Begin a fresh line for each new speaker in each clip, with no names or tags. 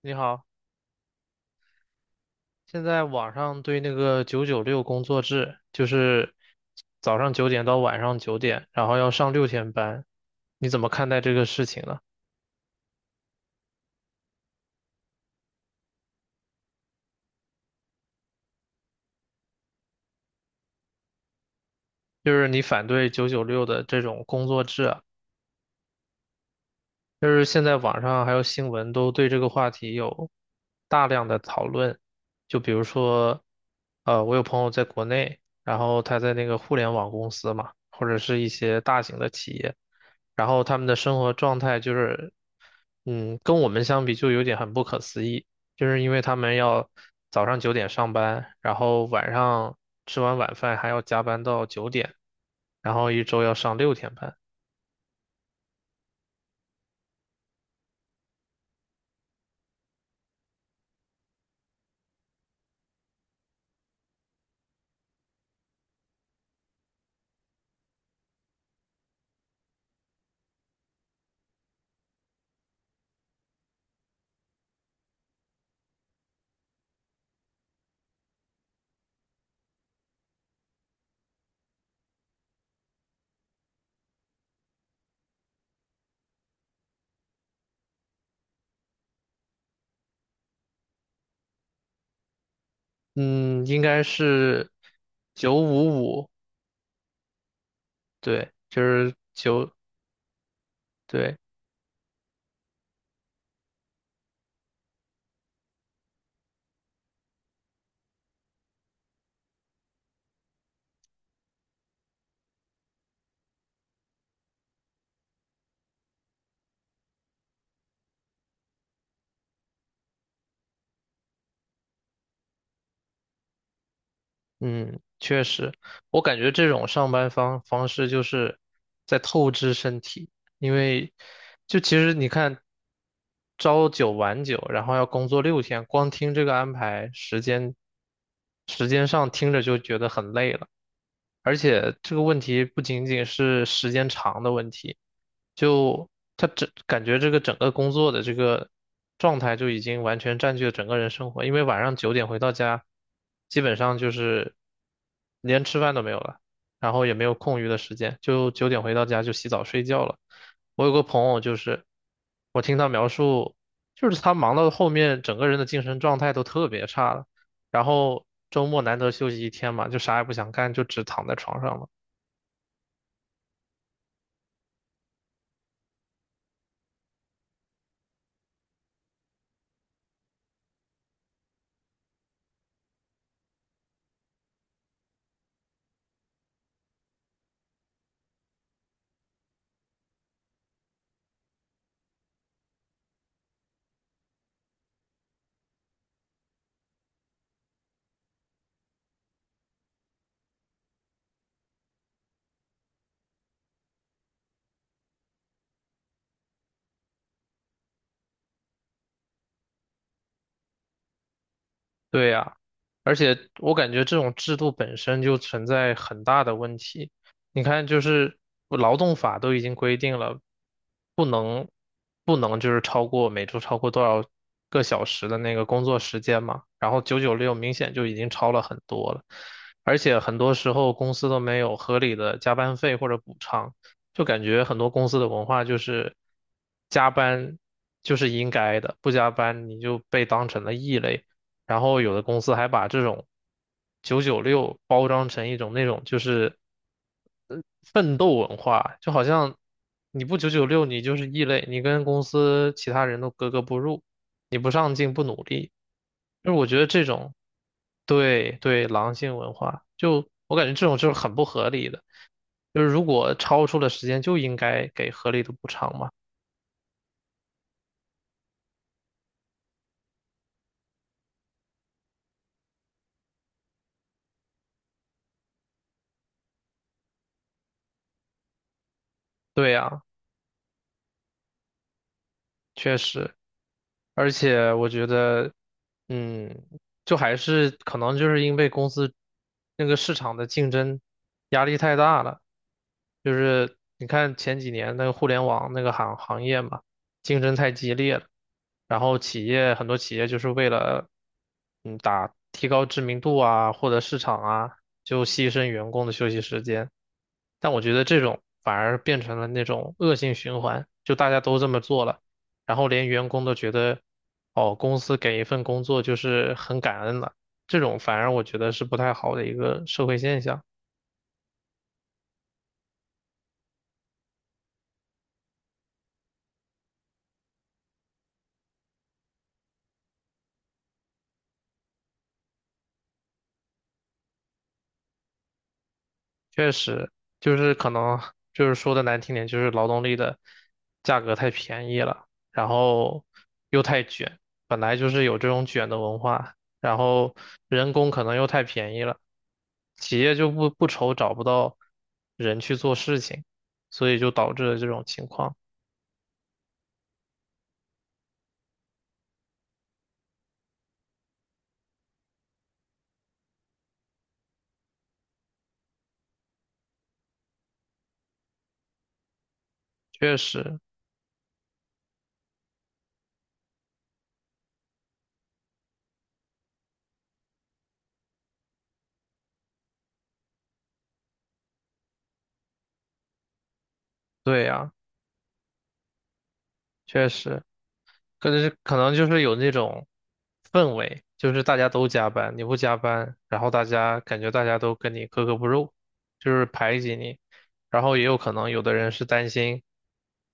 你好，现在网上对那个九九六工作制，就是早上九点到晚上九点，然后要上六天班，你怎么看待这个事情呢？就是你反对九九六的这种工作制啊？就是现在网上还有新闻都对这个话题有大量的讨论，就比如说，我有朋友在国内，然后他在那个互联网公司嘛，或者是一些大型的企业，然后他们的生活状态就是，嗯，跟我们相比就有点很不可思议，就是因为他们要早上九点上班，然后晚上吃完晚饭还要加班到九点，然后一周要上六天班。嗯，应该是九五五，对，就是九，对，嗯，确实，我感觉这种上班方式就是在透支身体，因为就其实你看，朝九晚九，然后要工作六天，光听这个安排时间，时间上听着就觉得很累了。而且这个问题不仅仅是时间长的问题，就他整感觉这个整个工作的这个状态就已经完全占据了整个人生活，因为晚上九点回到家，基本上就是连吃饭都没有了，然后也没有空余的时间，就九点回到家就洗澡睡觉了。我有个朋友就是，我听他描述，就是他忙到后面整个人的精神状态都特别差了。然后周末难得休息一天嘛，就啥也不想干，就只躺在床上了。对呀，而且我感觉这种制度本身就存在很大的问题。你看，就是劳动法都已经规定了，不能不能就是超过每周超过多少个小时的那个工作时间嘛。然后九九六明显就已经超了很多了，而且很多时候公司都没有合理的加班费或者补偿，就感觉很多公司的文化就是加班就是应该的，不加班你就被当成了异类。然后有的公司还把这种九九六包装成一种那种就是奋斗文化，就好像你不九九六，你就是异类，你跟公司其他人都格格不入，你不上进不努力，就是我觉得这种对狼性文化，就我感觉这种就是很不合理的，就是如果超出了时间就应该给合理的补偿嘛，对呀。确实，而且我觉得，嗯，就还是可能就是因为公司那个市场的竞争压力太大了，就是你看前几年那个互联网那个行业嘛，竞争太激烈了，然后企业很多企业就是为了，嗯，打提高知名度啊，获得市场啊，就牺牲员工的休息时间。但我觉得这种反而变成了那种恶性循环，就大家都这么做了。然后连员工都觉得，哦，公司给一份工作就是很感恩了，这种反而我觉得是不太好的一个社会现象。确实，就是可能就是说的难听点，就是劳动力的价格太便宜了，然后又太卷，本来就是有这种卷的文化，然后人工可能又太便宜了，企业就不愁找不到人去做事情，所以就导致了这种情况。确实，对呀，确实。可能是可能就是有那种氛围，就是大家都加班，你不加班，然后大家感觉大家都跟你格格不入，就是排挤你。然后也有可能有的人是担心，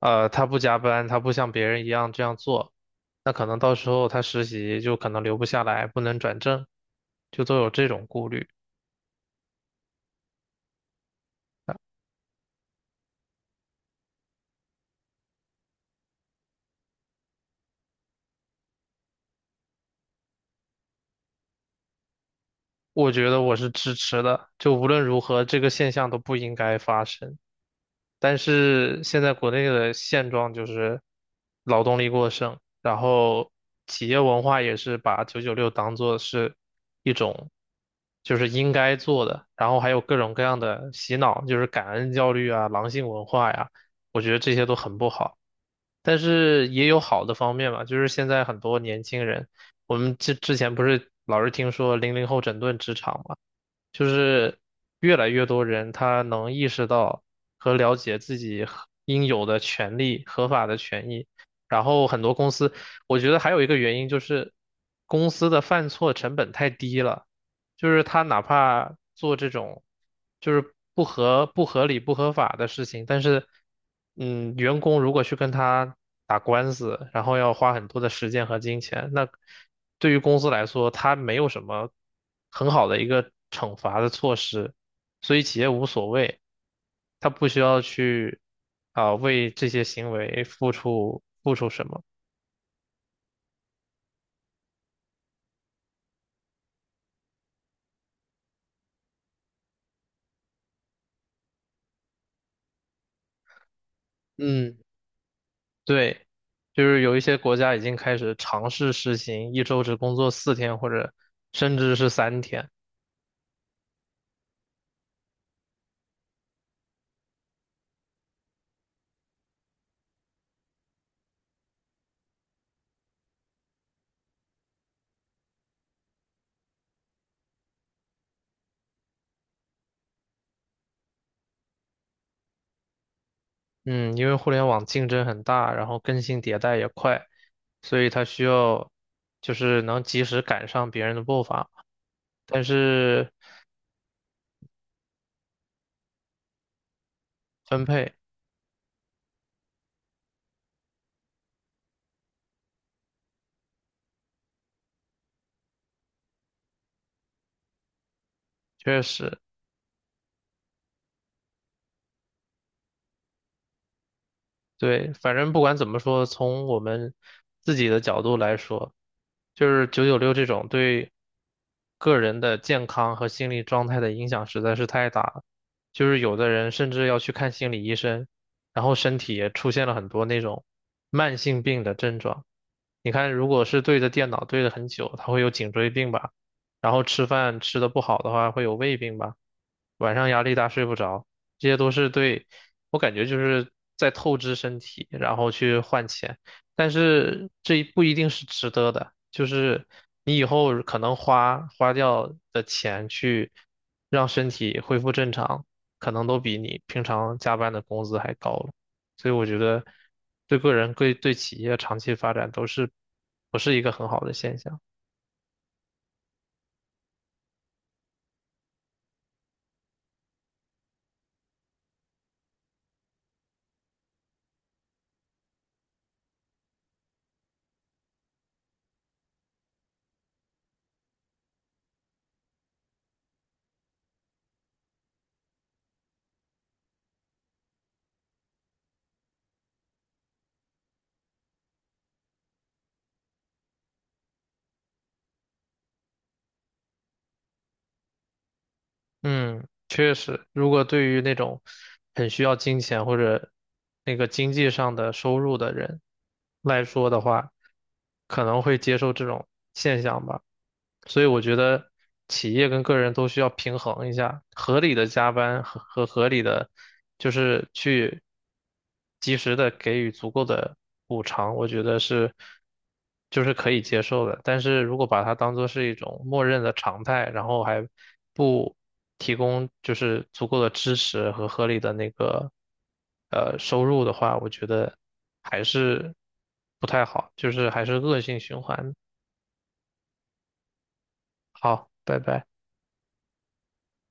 他不加班，他不像别人一样这样做，那可能到时候他实习就可能留不下来，不能转正，就都有这种顾虑。我觉得我是支持的，就无论如何，这个现象都不应该发生。但是现在国内的现状就是劳动力过剩，然后企业文化也是把九九六当做是一种就是应该做的，然后还有各种各样的洗脑，就是感恩教育啊、狼性文化呀，我觉得这些都很不好。但是也有好的方面嘛，就是现在很多年轻人，我们之前不是老是听说零零后整顿职场嘛。就是越来越多人他能意识到和了解自己合应有的权利、合法的权益。然后很多公司，我觉得还有一个原因就是公司的犯错成本太低了。就是他哪怕做这种就是不合理不合法的事情，但是嗯，员工如果去跟他打官司，然后要花很多的时间和金钱，那对于公司来说，他没有什么很好的一个惩罚的措施，所以企业无所谓，他不需要去为这些行为付出什么。嗯。对，就是有一些国家已经开始尝试实行一周只工作四天，或者甚至是三天。嗯，因为互联网竞争很大，然后更新迭代也快，所以它需要就是能及时赶上别人的步伐。但是分配确实，对，反正不管怎么说，从我们自己的角度来说，就是九九六这种对个人的健康和心理状态的影响实在是太大了。就是有的人甚至要去看心理医生，然后身体也出现了很多那种慢性病的症状。你看，如果是对着电脑对着很久，他会有颈椎病吧，然后吃饭吃的不好的话会有胃病吧。晚上压力大睡不着，这些都是对，我感觉就是在透支身体，然后去换钱，但是这一不一定是值得的，就是你以后可能花掉的钱去让身体恢复正常，可能都比你平常加班的工资还高了，所以我觉得对个人对企业长期发展都是不是一个很好的现象。嗯，确实，如果对于那种很需要金钱或者那个经济上的收入的人来说的话，可能会接受这种现象吧。所以我觉得企业跟个人都需要平衡一下，合理的加班和合理的，就是去。及时的给予足够的补偿，我觉得是就是可以接受的。但是如果把它当做是一种默认的常态，然后还不提供就是足够的支持和合理的那个收入的话，我觉得还是不太好，就是还是恶性循环。好，拜拜。